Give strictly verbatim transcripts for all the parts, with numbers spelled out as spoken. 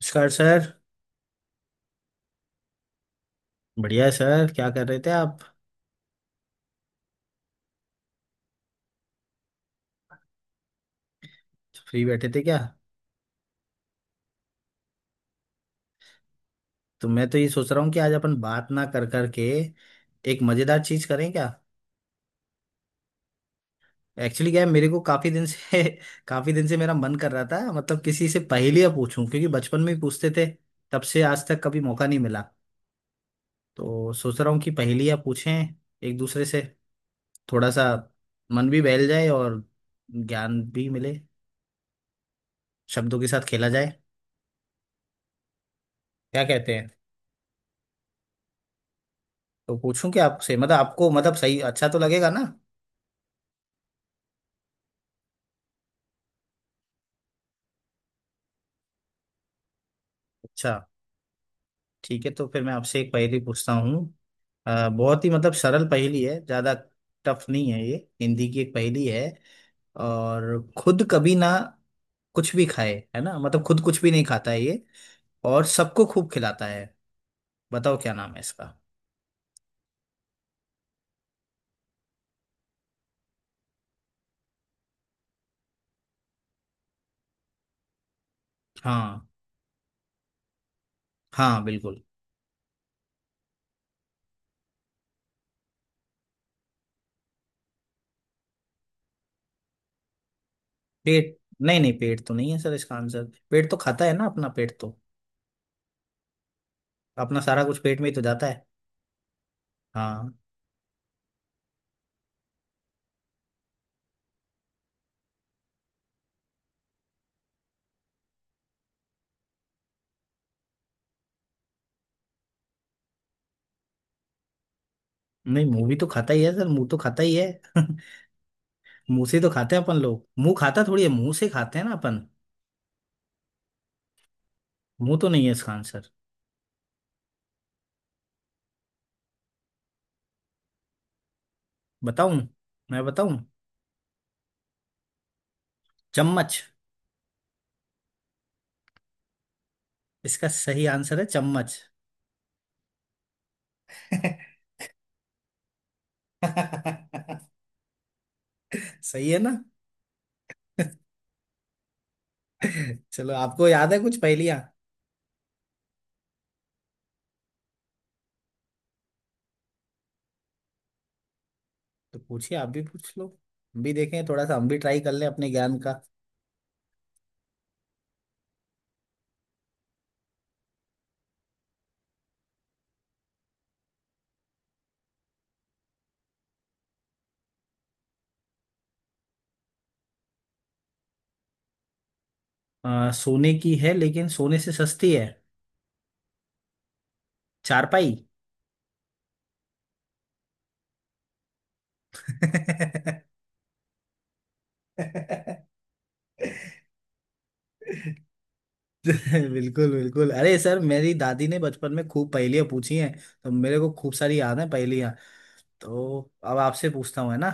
नमस्कार सर। बढ़िया है सर। क्या कर रहे थे आप? फ्री बैठे थे क्या? तो मैं तो ये सोच रहा हूँ कि आज अपन बात ना कर कर के एक मज़ेदार चीज़ करें क्या। एक्चुअली क्या है, मेरे को काफ़ी दिन से काफ़ी दिन से मेरा मन कर रहा था, मतलब किसी से पहेलियाँ पूछूं, क्योंकि बचपन में ही पूछते थे। तब से आज तक कभी मौका नहीं मिला। तो सोच रहा हूँ कि पहेलियाँ पूछें एक दूसरे से। थोड़ा सा मन भी बहल जाए और ज्ञान भी मिले, शब्दों के साथ खेला जाए। क्या कहते हैं? तो पूछूं क्या आपसे, मतलब आपको मतलब सही अच्छा तो लगेगा ना। अच्छा, ठीक है। तो फिर मैं आपसे एक पहेली पूछता हूँ। अ, बहुत ही मतलब सरल पहेली है, ज्यादा टफ नहीं है ये। हिंदी की एक पहेली है। और खुद कभी ना कुछ भी खाए है ना, मतलब खुद कुछ भी नहीं खाता है ये, और सबको खूब खिलाता है। बताओ क्या नाम है इसका। हाँ हाँ बिल्कुल। पेट? नहीं नहीं, पेट तो नहीं है सर इसका आंसर। पेट तो खाता है ना, अपना पेट तो अपना सारा कुछ पेट में ही तो जाता है। हाँ। नहीं, मुंह भी तो खाता ही है सर, मुंह तो खाता ही है। मुंह से तो खाते हैं अपन लोग, मुंह खाता थोड़ी है, मुंह से खाते हैं ना अपन। मुंह तो नहीं है इसका आंसर। बताऊं? मैं बताऊं? चम्मच। इसका सही आंसर है चम्मच। सही है ना। चलो, आपको याद है कुछ पहेलियां? तो पूछिए, आप भी पूछ लो, हम भी देखें थोड़ा सा, हम भी ट्राई कर लें अपने ज्ञान का। आ, सोने की है लेकिन सोने से सस्ती है। चारपाई। बिल्कुल बिल्कुल। अरे सर, मेरी दादी ने बचपन में खूब पहेलियां पूछी हैं, तो मेरे को खूब सारी याद है पहेलियां। तो अब आपसे पूछता हूँ, है ना।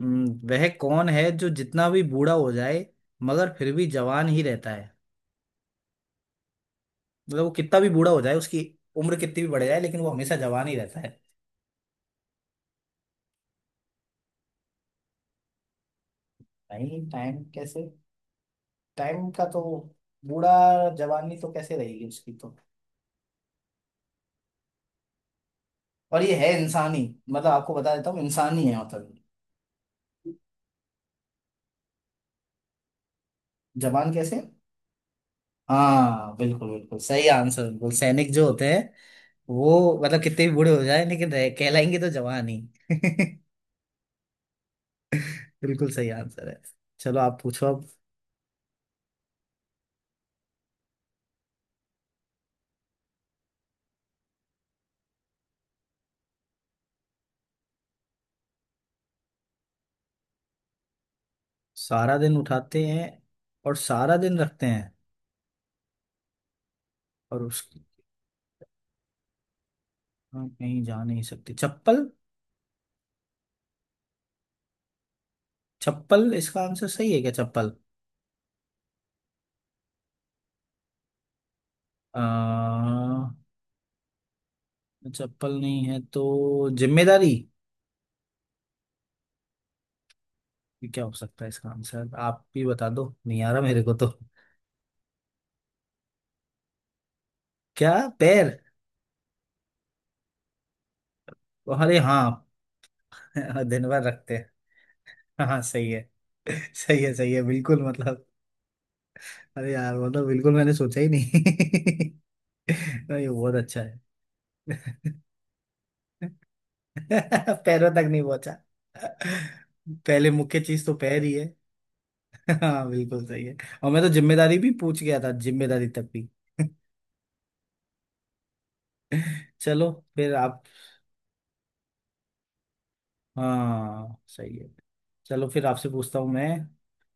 हम्म, वह कौन है जो जितना भी बूढ़ा हो जाए मगर फिर भी जवान ही रहता है। मतलब वो कितना भी बूढ़ा हो जाए, उसकी उम्र कितनी भी बढ़ जाए, लेकिन वो हमेशा जवान ही रहता है। नहीं, टाइम कैसे? टाइम का तो बूढ़ा जवानी तो कैसे रहेगी उसकी तो। और ये है इंसानी, मतलब आपको बता देता हूँ इंसानी है मतलब। जवान कैसे? हाँ बिल्कुल बिल्कुल, सही आंसर। बिल्कुल, सैनिक जो होते हैं वो, मतलब कितने भी बूढ़े हो जाए लेकिन रह- कहलाएंगे तो जवान ही। बिल्कुल सही आंसर है। चलो आप पूछो अब। सारा दिन उठाते हैं और सारा दिन रखते हैं, और उसकी हम कहीं जा नहीं सकते। चप्पल। चप्पल इसका आंसर सही है क्या, चप्पल? अ, चप्पल नहीं है तो जिम्मेदारी? ये क्या हो सकता है इसका आंसर, आप भी बता दो, नहीं आ रहा मेरे को तो। क्या? पैर? अरे हाँ। दिन भर रखते हैं। हाँ हाँ, सही है। सही है सही है बिल्कुल, मतलब अरे यार मतलब बिल्कुल मैंने सोचा ही नहीं। नहीं, ये बहुत अच्छा है। पैरों तक नहीं पहुंचा। पहले मुख्य चीज तो पैर ही है। हाँ बिल्कुल सही है। और मैं तो जिम्मेदारी भी पूछ गया था, जिम्मेदारी तक भी। चलो फिर आप। हाँ सही है। चलो फिर आपसे पूछता हूँ मैं।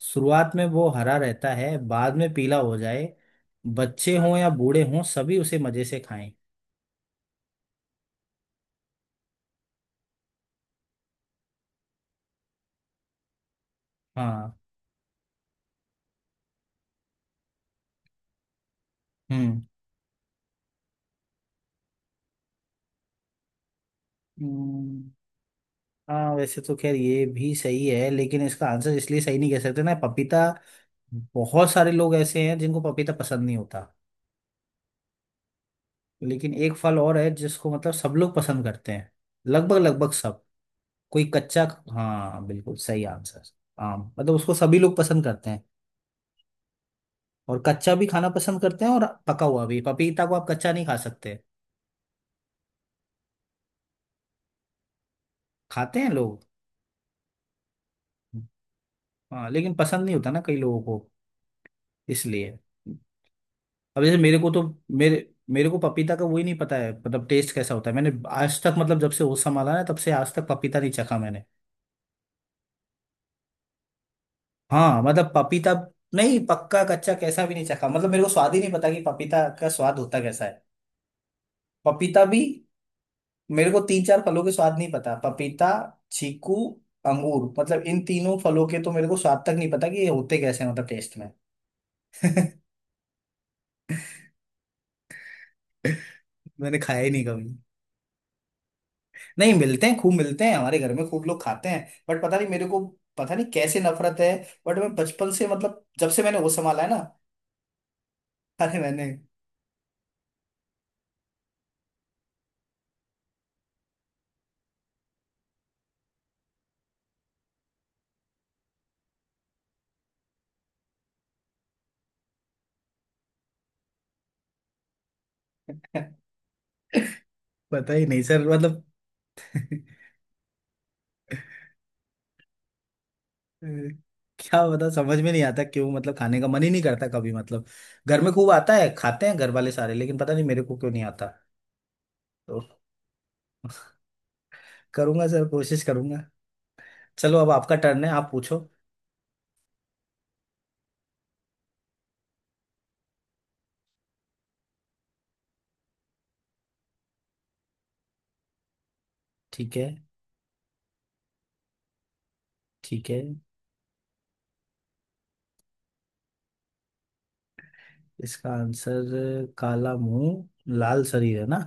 शुरुआत में वो हरा रहता है, बाद में पीला हो जाए। बच्चे हों या बूढ़े हों, सभी उसे मजे से खाएं। हाँ। हम्म। हम्म, हाँ वैसे तो खैर ये भी सही है, लेकिन इसका आंसर इसलिए सही नहीं कह सकते ना, पपीता। बहुत सारे लोग ऐसे हैं जिनको पपीता पसंद नहीं होता। लेकिन एक फल और है जिसको मतलब सब लोग पसंद करते हैं, लगभग लगभग सब। कोई कच्चा। हाँ बिल्कुल सही आंसर। आम, मतलब उसको सभी लोग पसंद करते हैं, और कच्चा भी खाना पसंद करते हैं और पका हुआ भी। पपीता को आप कच्चा नहीं खा सकते। खाते हैं लोग। हाँ लेकिन पसंद नहीं होता ना कई लोगों को, इसलिए। अब जैसे मेरे को तो मेरे मेरे को पपीता का वही नहीं पता है, मतलब टेस्ट कैसा होता है। मैंने आज तक, मतलब जब से होश संभाला है तब से आज तक पपीता नहीं चखा मैंने। हाँ मतलब पपीता नहीं, पक्का कच्चा कैसा भी नहीं चखा, मतलब मेरे को स्वाद ही नहीं पता कि पपीता का स्वाद होता कैसा है। पपीता भी, मेरे को तीन चार फलों के स्वाद नहीं पता। पपीता, चीकू, अंगूर, मतलब इन तीनों फलों के तो मेरे को स्वाद तक नहीं पता कि ये होते कैसे हैं मतलब टेस्ट में। मैंने खाया ही नहीं कभी। नहीं मिलते हैं, खूब मिलते हैं हमारे घर में, खूब लोग खाते हैं, बट पता नहीं मेरे को। पता नहीं कैसे नफरत है, बट मैं बचपन से मतलब जब से मैंने वो संभाला है ना। अरे मैंने पता ही नहीं सर मतलब। हम्म। क्या बता, समझ में नहीं आता क्यों, मतलब खाने का मन ही नहीं करता कभी, मतलब घर में खूब आता है, खाते हैं घर वाले सारे, लेकिन पता नहीं मेरे को क्यों नहीं आता। तो करूंगा सर, कोशिश करूंगा। चलो अब आपका टर्न है, आप पूछो। ठीक है। ठीक है, इसका आंसर काला मुंह लाल शरीर है ना।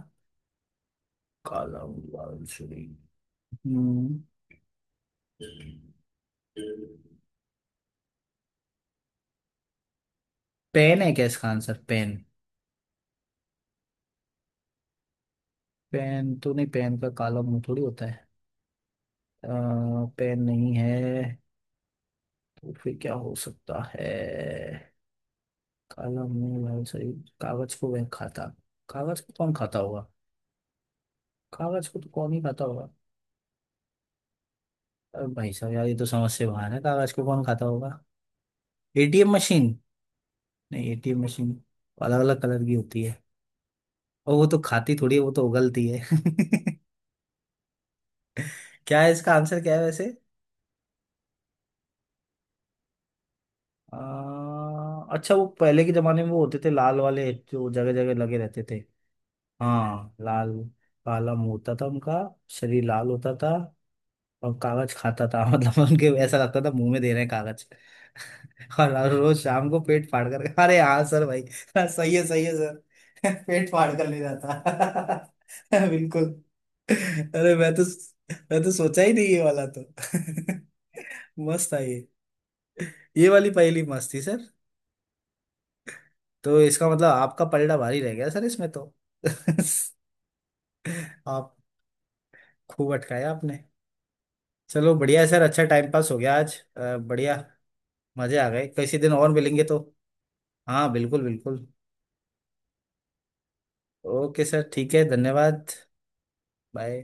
काला मुंह लाल शरीर। हम्म। पेन है क्या इसका आंसर, पेन? पेन तो नहीं, पेन का काला मुंह थोड़ी होता है। आ, पेन नहीं है तो फिर क्या हो सकता है? कलम नहीं भाई सही। कागज को वह खाता, कागज को कौन खाता होगा? कागज को तो कौन ही खाता होगा। अरे भाई साहब यार, ये तो समझ से बाहर है, कागज को कौन खाता होगा। ATM machine? नहीं, एटीएम मशीन अलग अलग कलर की होती है, और वो तो खाती थोड़ी है, वो तो उगलती है। क्या है इसका आंसर, क्या है वैसे? आ, अच्छा, वो पहले के जमाने में वो होते थे लाल वाले जो जगह जगह लगे रहते थे। हाँ, लाल, काला मुंह होता था उनका, शरीर लाल होता था, और कागज खाता था। मतलब उनके ऐसा लगता था मुंह में दे रहे हैं कागज। और रोज शाम को पेट फाड़ कर, अरे हाँ सर भाई। हाँ, सही है सही है सर। पेट फाड़ कर ले जाता। बिल्कुल। अरे मैं तो मैं तो सोचा ही नहीं ये वाला तो। मस्त था ये ये वाली पहेली मस्त थी सर। तो इसका मतलब आपका पलड़ा भारी रह गया सर इसमें तो। आप खूब अटकाया आपने। चलो बढ़िया है सर, अच्छा टाइम पास हो गया आज। अ, बढ़िया, मजे आ गए, किसी दिन और मिलेंगे तो। हाँ बिल्कुल बिल्कुल। ओके सर, ठीक है, धन्यवाद। बाय।